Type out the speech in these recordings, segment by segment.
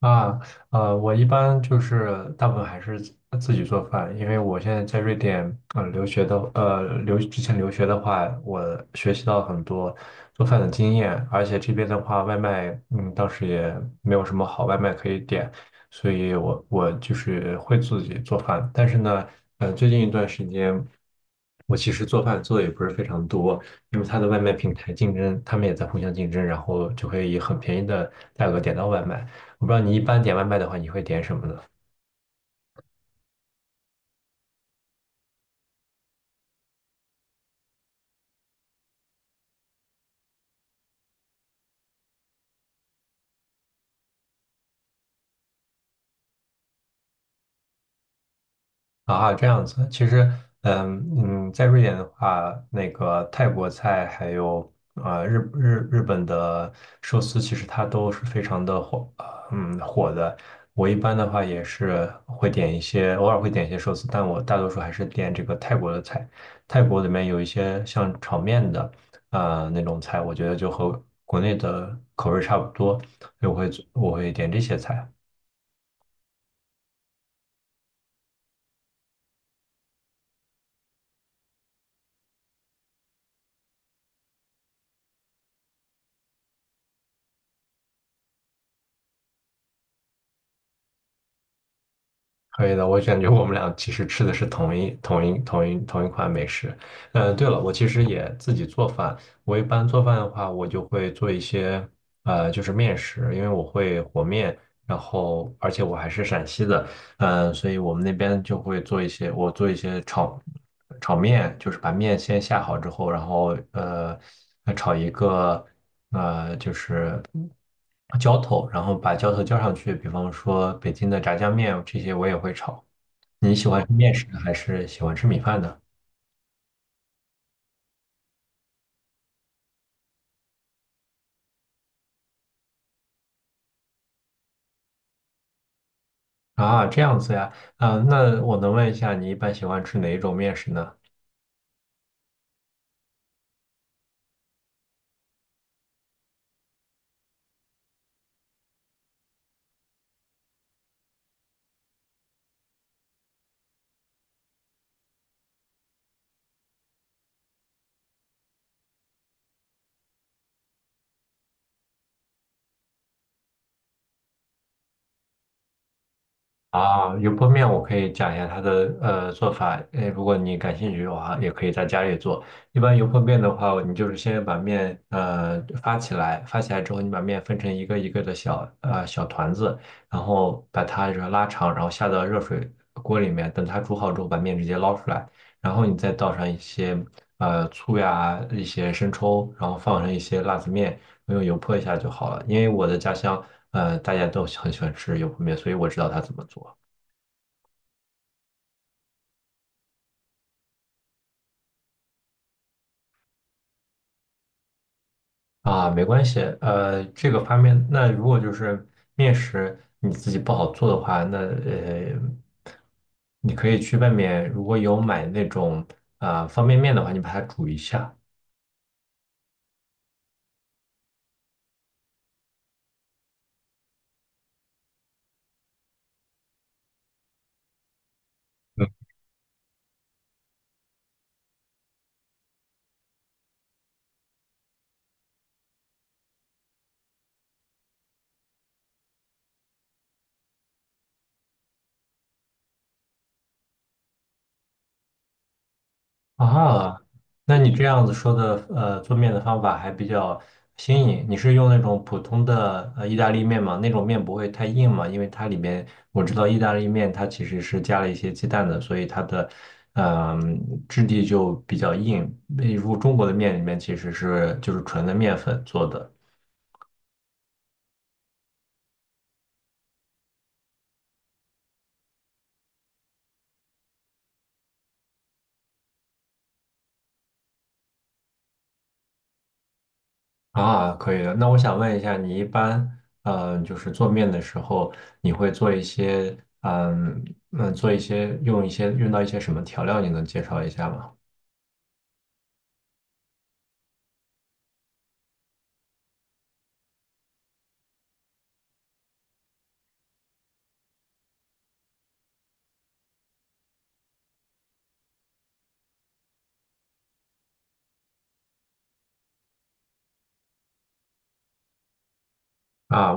啊，我一般就是大部分还是自己做饭，因为我现在在瑞典，留学的，之前留学的话，我学习到很多做饭的经验，而且这边的话，外卖，嗯，当时也没有什么好外卖可以点，所以我就是会自己做饭，但是呢，最近一段时间，我其实做饭做的也不是非常多，因为它的外卖平台竞争，他们也在互相竞争，然后就会以很便宜的价格点到外卖。我不知道你一般点外卖的话，你会点什么呢？啊，这样子，其实，嗯嗯，在瑞典的话，那个泰国菜还有日本的寿司，其实它都是非常的火，火的。我一般的话也是会点一些，偶尔会点一些寿司，但我大多数还是点这个泰国的菜。泰国里面有一些像炒面的，那种菜，我觉得就和国内的口味差不多，所以我会点这些菜。可以的，我感觉我们俩其实吃的是同一款美食。嗯，对了，我其实也自己做饭。我一般做饭的话，我就会做一些就是面食，因为我会和面，然后而且我还是陕西的，嗯，所以我们那边就会做一些，我做一些炒面，就是把面先下好之后，然后炒一个浇头，然后把浇头浇上去，比方说北京的炸酱面这些我也会炒。你喜欢吃面食还是喜欢吃米饭呢？啊，这样子呀，啊，那我能问一下，你一般喜欢吃哪一种面食呢？啊，油泼面我可以讲一下它的做法，呃，如果你感兴趣的话，也可以在家里做。一般油泼面的话，你就是先把面发起来，发起来之后，你把面分成一个一个的小团子，然后把它就是拉长，然后下到热水锅里面，等它煮好之后，把面直接捞出来，然后你再倒上一些醋呀，一些生抽，然后放上一些辣子面。用油泼一下就好了。因为我的家乡，呃，大家都很喜欢吃油泼面，所以我知道它怎么做。啊，没关系，这个方面，那如果就是面食你自己不好做的话，那你可以去外面，如果有买那种啊、方便面的话，你把它煮一下。啊，那你这样子说的，做面的方法还比较新颖。你是用那种普通的意大利面吗？那种面不会太硬吗？因为它里面我知道意大利面它其实是加了一些鸡蛋的，所以它的嗯、质地就比较硬。那如中国的面里面其实是就是纯的面粉做的。啊，可以的。那我想问一下，你一般就是做面的时候，你会做一些嗯做一些用到一些什么调料？你能介绍一下吗？啊，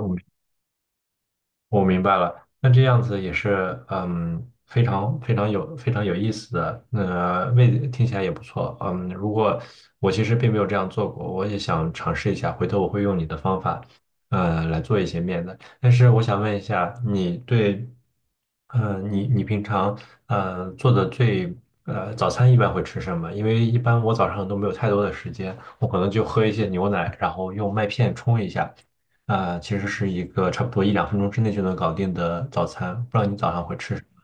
我明白了，那这样子也是，嗯，非常有意思的，那、味听起来也不错，嗯，如果我其实并没有这样做过，我也想尝试一下，回头我会用你的方法，来做一些面的。但是我想问一下，你对，你平常做的早餐一般会吃什么？因为一般我早上都没有太多的时间，我可能就喝一些牛奶，然后用麦片冲一下。啊、其实是一个差不多一两分钟之内就能搞定的早餐。不知道你早上会吃什么？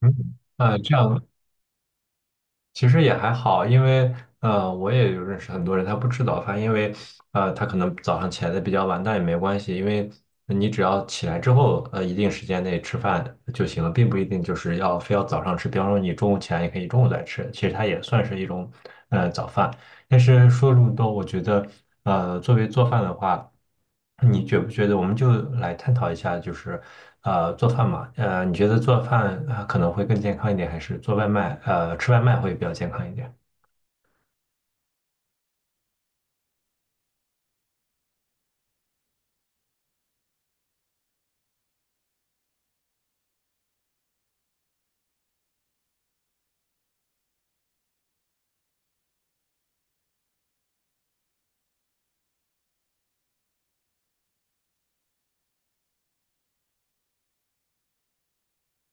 嗯，这样其实也还好，因为我也有认识很多人，他不吃早饭，因为他可能早上起来的比较晚，但也没关系，因为你只要起来之后，一定时间内吃饭就行了，并不一定就是要非要早上吃。比方说你中午起来也可以中午再吃，其实它也算是一种早饭。但是说这么多，我觉得，作为做饭的话，你觉不觉得我们就来探讨一下，就是，做饭嘛，你觉得做饭，可能会更健康一点，还是做外卖，吃外卖会比较健康一点？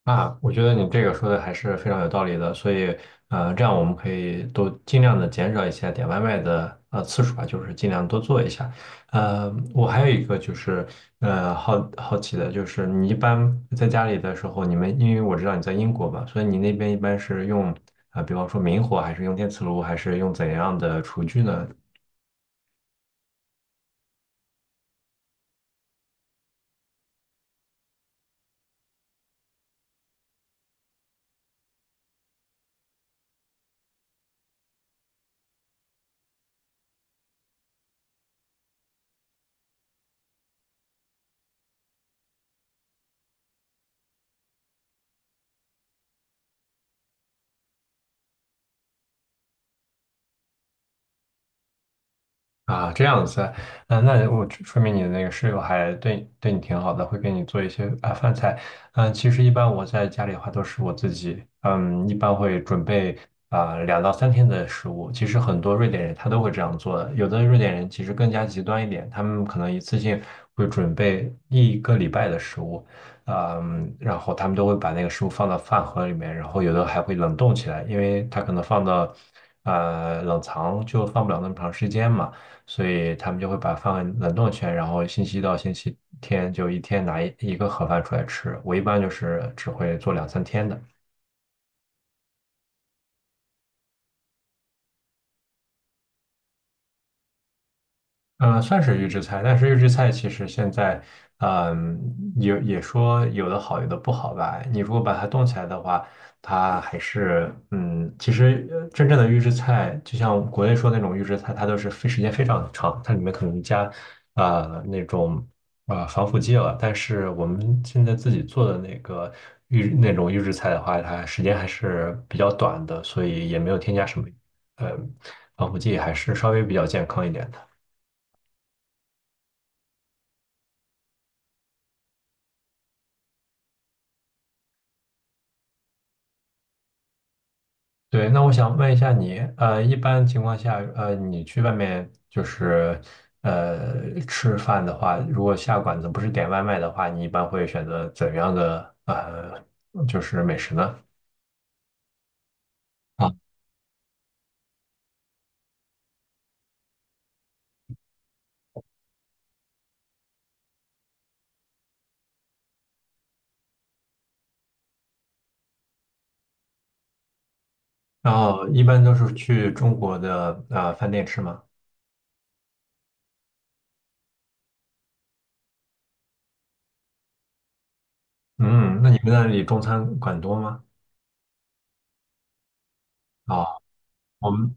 啊，我觉得你这个说的还是非常有道理的，所以，这样我们可以都尽量的减少一些点外卖的次数吧，就是尽量多做一下。我还有一个就是，好奇的就是，你一般在家里的时候，你们因为我知道你在英国嘛，所以你那边一般是用啊、比方说明火，还是用电磁炉，还是用怎样的厨具呢？啊，这样子啊。嗯、那我说明你的那个室友还对你挺好的，会给你做一些啊饭菜。嗯、其实一般我在家里的话都是我自己，嗯，一般会准备啊两到三天的食物。其实很多瑞典人他都会这样做的，有的瑞典人其实更加极端一点，他们可能一次性会准备一个礼拜的食物，嗯，然后他们都会把那个食物放到饭盒里面，然后有的还会冷冻起来，因为它可能放到冷藏就放不了那么长时间嘛。所以他们就会把饭冷冻起来，然后星期一到星期天就一天拿一个盒饭出来吃。我一般就是只会做两三天的。嗯，算是预制菜，但是预制菜其实现在，嗯，也说有的好，有的不好吧。你如果把它冻起来的话，它还是，嗯，其实真正的预制菜，就像国内说那种预制菜，它都是非时间非常长，它里面可能加，呃，那种防腐剂了。但是我们现在自己做的那个预那种预制菜的话，它时间还是比较短的，所以也没有添加什么，呃，防腐剂，还是稍微比较健康一点的。对，那我想问一下你，一般情况下，你去外面就是，吃饭的话，如果下馆子不是点外卖的话，你一般会选择怎样的就是美食呢？啊，然后一般都是去中国的饭店吃吗？嗯，那你们那里中餐馆多吗？啊，我们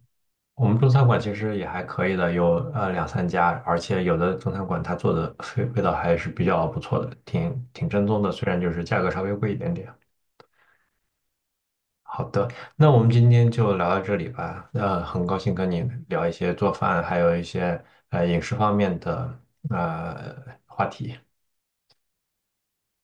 我们中餐馆其实也还可以的，有两三家，而且有的中餐馆它做的味道还是比较不错的，挺正宗的，虽然就是价格稍微贵一点点。好的，那我们今天就聊到这里吧。很高兴跟你聊一些做饭，还有一些饮食方面的呃话题。